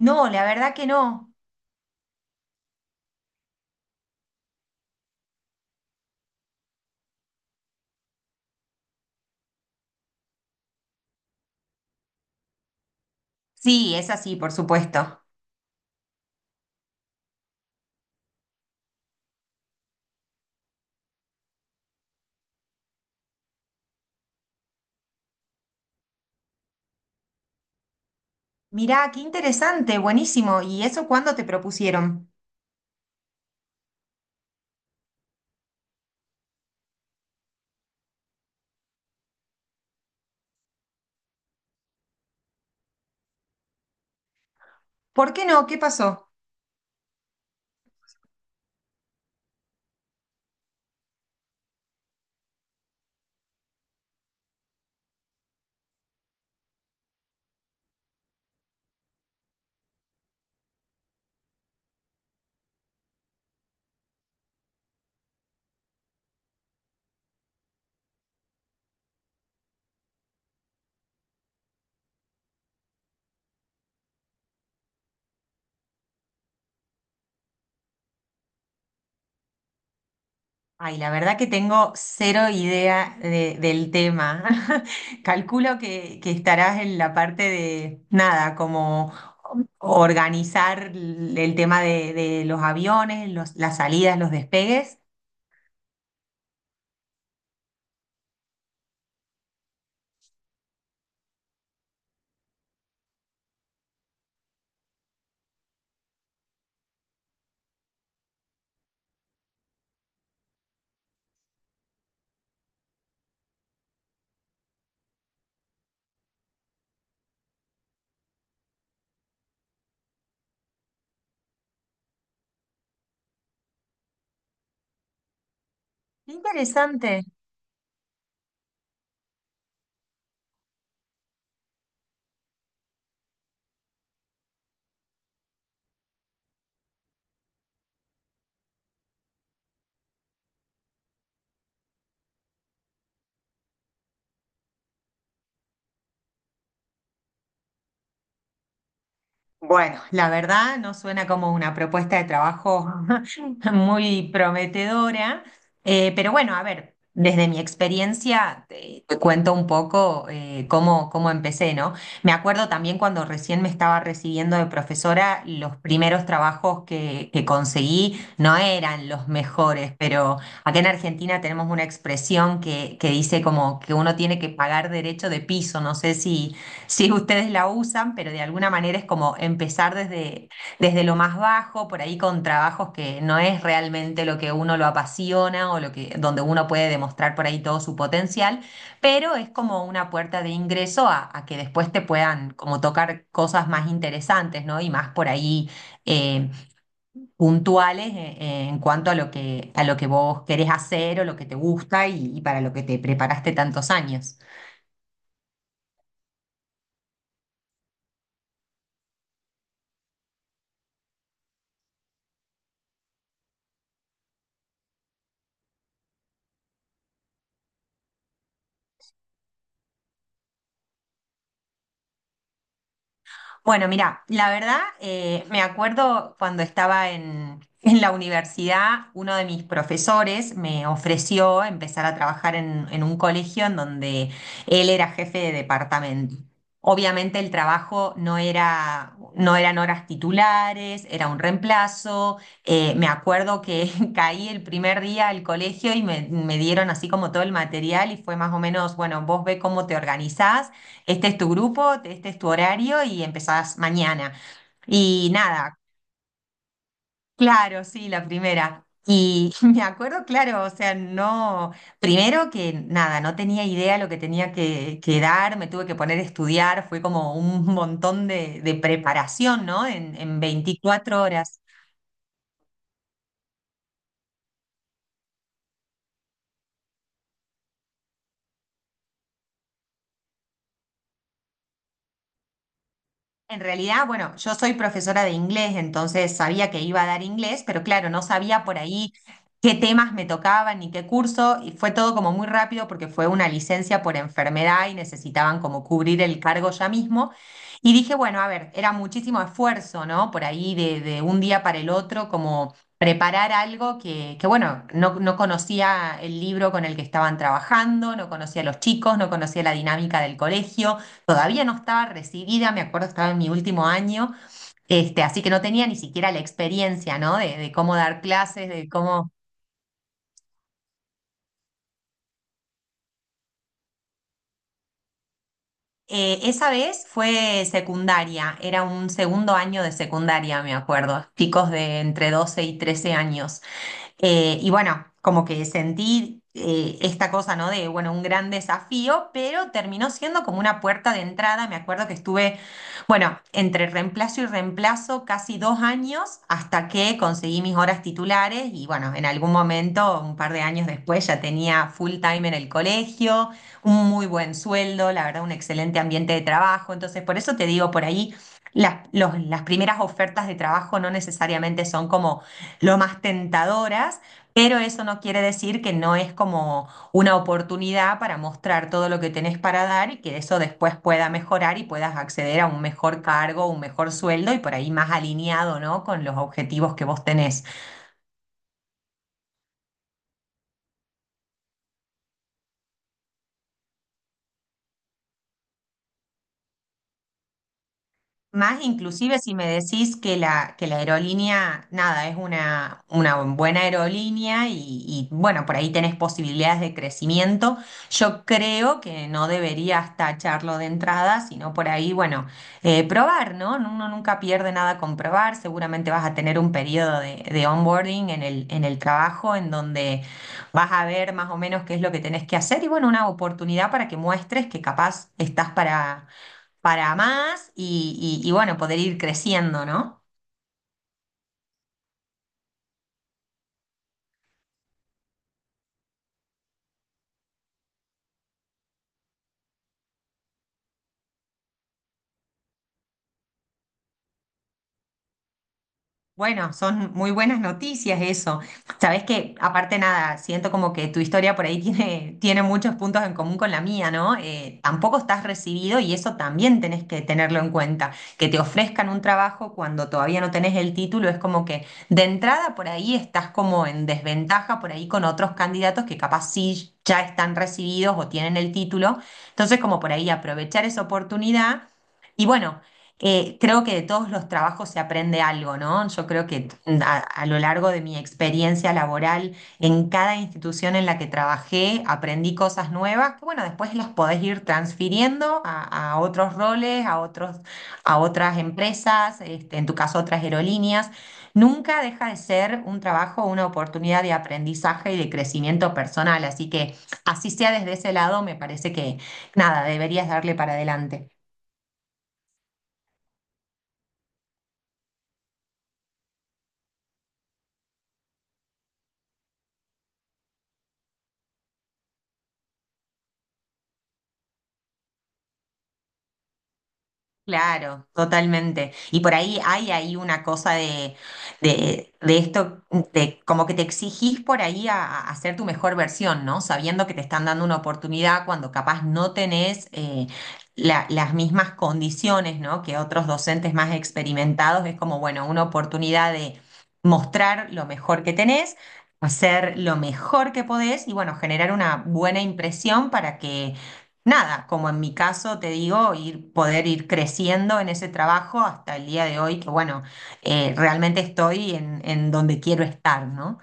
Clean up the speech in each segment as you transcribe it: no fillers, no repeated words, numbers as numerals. No, la verdad que no. Sí, es así, por supuesto. Mirá, qué interesante, buenísimo. ¿Y eso cuándo te propusieron? ¿Por qué no? ¿Qué pasó? Ay, la verdad que tengo cero idea del tema. Calculo que estarás en la parte de, nada, como organizar el tema de los aviones, las salidas, los despegues. Qué interesante. Bueno, la verdad no suena como una propuesta de trabajo muy prometedora, pero bueno, a ver, desde mi experiencia te cuento un poco cómo, cómo empecé, ¿no? Me acuerdo también cuando recién me estaba recibiendo de profesora, los primeros trabajos que conseguí no eran los mejores, pero acá en Argentina tenemos una expresión que dice como que uno tiene que pagar derecho de piso, no sé si ustedes la usan, pero de alguna manera es como empezar desde, desde lo más bajo, por ahí con trabajos que no es realmente lo que uno lo apasiona o lo que, donde uno puede demostrar por ahí todo su potencial, pero es como una puerta de ingreso a que después te puedan como tocar cosas más interesantes, ¿no? Y más por ahí eh, puntuales en cuanto a lo que vos querés hacer o lo que te gusta y para lo que te preparaste tantos años. Bueno, mira, la verdad, me acuerdo cuando estaba en la universidad, uno de mis profesores me ofreció empezar a trabajar en un colegio en donde él era jefe de departamento. Obviamente el trabajo no eran horas titulares, era un reemplazo. Me acuerdo que caí el primer día al colegio me dieron así como todo el material y fue más o menos, bueno, vos ve cómo te organizás, este es tu grupo, este es tu horario y empezás mañana. Y nada, claro, sí, la primera. Y me acuerdo, claro, o sea, no, primero que nada, no tenía idea lo que tenía que dar, me tuve que poner a estudiar, fue como un montón de preparación, ¿no? En 24 horas. En realidad, bueno, yo soy profesora de inglés, entonces sabía que iba a dar inglés, pero claro, no sabía por ahí qué temas me tocaban ni qué curso, y fue todo como muy rápido porque fue una licencia por enfermedad y necesitaban como cubrir el cargo ya mismo. Y dije, bueno, a ver, era muchísimo esfuerzo, ¿no? Por ahí de un día para el otro, como preparar algo que bueno, no conocía el libro con el que estaban trabajando, no conocía a los chicos, no conocía la dinámica del colegio. Todavía no estaba recibida, me acuerdo, estaba en mi último año, este, así que no tenía ni siquiera la experiencia, ¿no? De cómo dar clases, de cómo... Esa vez fue secundaria, era un segundo año de secundaria, me acuerdo, chicos de entre 12 y 13 años. Y bueno, como que sentí esta cosa, ¿no? De, bueno, un gran desafío, pero terminó siendo como una puerta de entrada. Me acuerdo que estuve, bueno, entre reemplazo y reemplazo casi 2 años hasta que conseguí mis horas titulares y bueno, en algún momento, un par de años después, ya tenía full time en el colegio, un muy buen sueldo, la verdad, un excelente ambiente de trabajo. Entonces, por eso te digo, por ahí. Las primeras ofertas de trabajo no necesariamente son como lo más tentadoras, pero eso no quiere decir que no es como una oportunidad para mostrar todo lo que tenés para dar y que eso después pueda mejorar y puedas acceder a un mejor cargo, un mejor sueldo y por ahí más alineado, ¿no?, con los objetivos que vos tenés. Más inclusive si me decís que que la aerolínea, nada, es una buena aerolínea y, bueno, por ahí tenés posibilidades de crecimiento, yo creo que no deberías tacharlo de entrada, sino por ahí, bueno, probar, ¿no? Uno nunca pierde nada con probar, seguramente vas a tener un periodo de onboarding en en el trabajo en donde vas a ver más o menos qué es lo que tenés que hacer y bueno, una oportunidad para que muestres que capaz estás para más bueno, poder ir creciendo, ¿no? Bueno, son muy buenas noticias eso. Sabes que, aparte nada, siento como que tu historia por ahí tiene, tiene muchos puntos en común con la mía, ¿no? Tampoco estás recibido y eso también tenés que tenerlo en cuenta. Que te ofrezcan un trabajo cuando todavía no tenés el título es como que de entrada por ahí estás como en desventaja por ahí con otros candidatos que capaz sí ya están recibidos o tienen el título. Entonces, como por ahí aprovechar esa oportunidad. Y bueno. Creo que de todos los trabajos se aprende algo, ¿no? Yo creo que a lo largo de mi experiencia laboral, en cada institución en la que trabajé, aprendí cosas nuevas que, bueno, después las podés ir transfiriendo a otros roles, a otros, a otras empresas, este, en tu caso, otras aerolíneas. Nunca deja de ser un trabajo, una oportunidad de aprendizaje y de crecimiento personal. Así que, así sea desde ese lado, me parece que, nada, deberías darle para adelante. Claro, totalmente. Y por ahí hay ahí una cosa de, de esto, de como que te exigís por ahí a hacer tu mejor versión, ¿no? Sabiendo que te están dando una oportunidad cuando capaz no tenés las mismas condiciones, ¿no? Que otros docentes más experimentados. Es como, bueno, una oportunidad de mostrar lo mejor que tenés, hacer lo mejor que podés y, bueno, generar una buena impresión para que nada, como en mi caso te digo, ir, poder ir creciendo en ese trabajo hasta el día de hoy, que bueno, realmente estoy en donde quiero estar, ¿no?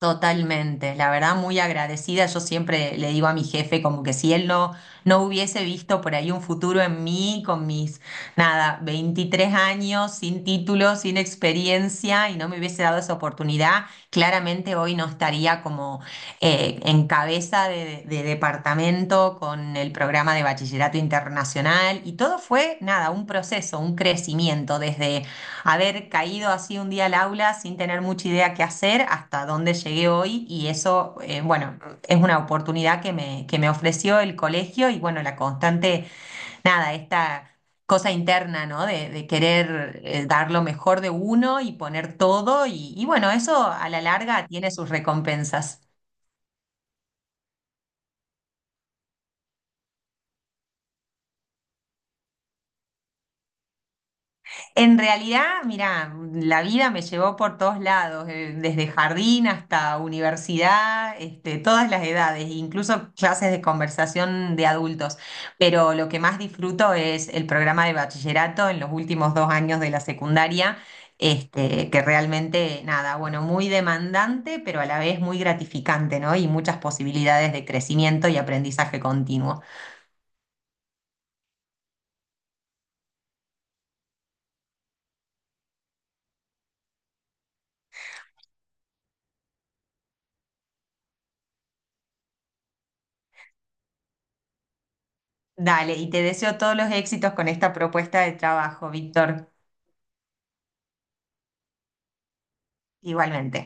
Totalmente, la verdad muy agradecida. Yo siempre le digo a mi jefe como que si él no, no hubiese visto por ahí un futuro en mí con mis, nada, 23 años, sin título, sin experiencia y no me hubiese dado esa oportunidad, claramente hoy no estaría como en cabeza de departamento con el programa de bachillerato internacional y todo fue, nada, un proceso, un crecimiento desde haber caído así un día al aula sin tener mucha idea qué hacer hasta dónde llegué hoy y eso, bueno, es una oportunidad que me ofreció el colegio y bueno, la constante, nada, esta cosa interna, ¿no? De querer dar lo mejor de uno y poner todo y bueno, eso a la larga tiene sus recompensas. En realidad, mira, la vida me llevó por todos lados, desde jardín hasta universidad, este, todas las edades, incluso clases de conversación de adultos. Pero lo que más disfruto es el programa de bachillerato en los últimos 2 años de la secundaria, este, que realmente, nada, bueno, muy demandante, pero a la vez muy gratificante, ¿no? Y muchas posibilidades de crecimiento y aprendizaje continuo. Dale, y te deseo todos los éxitos con esta propuesta de trabajo, Víctor. Igualmente.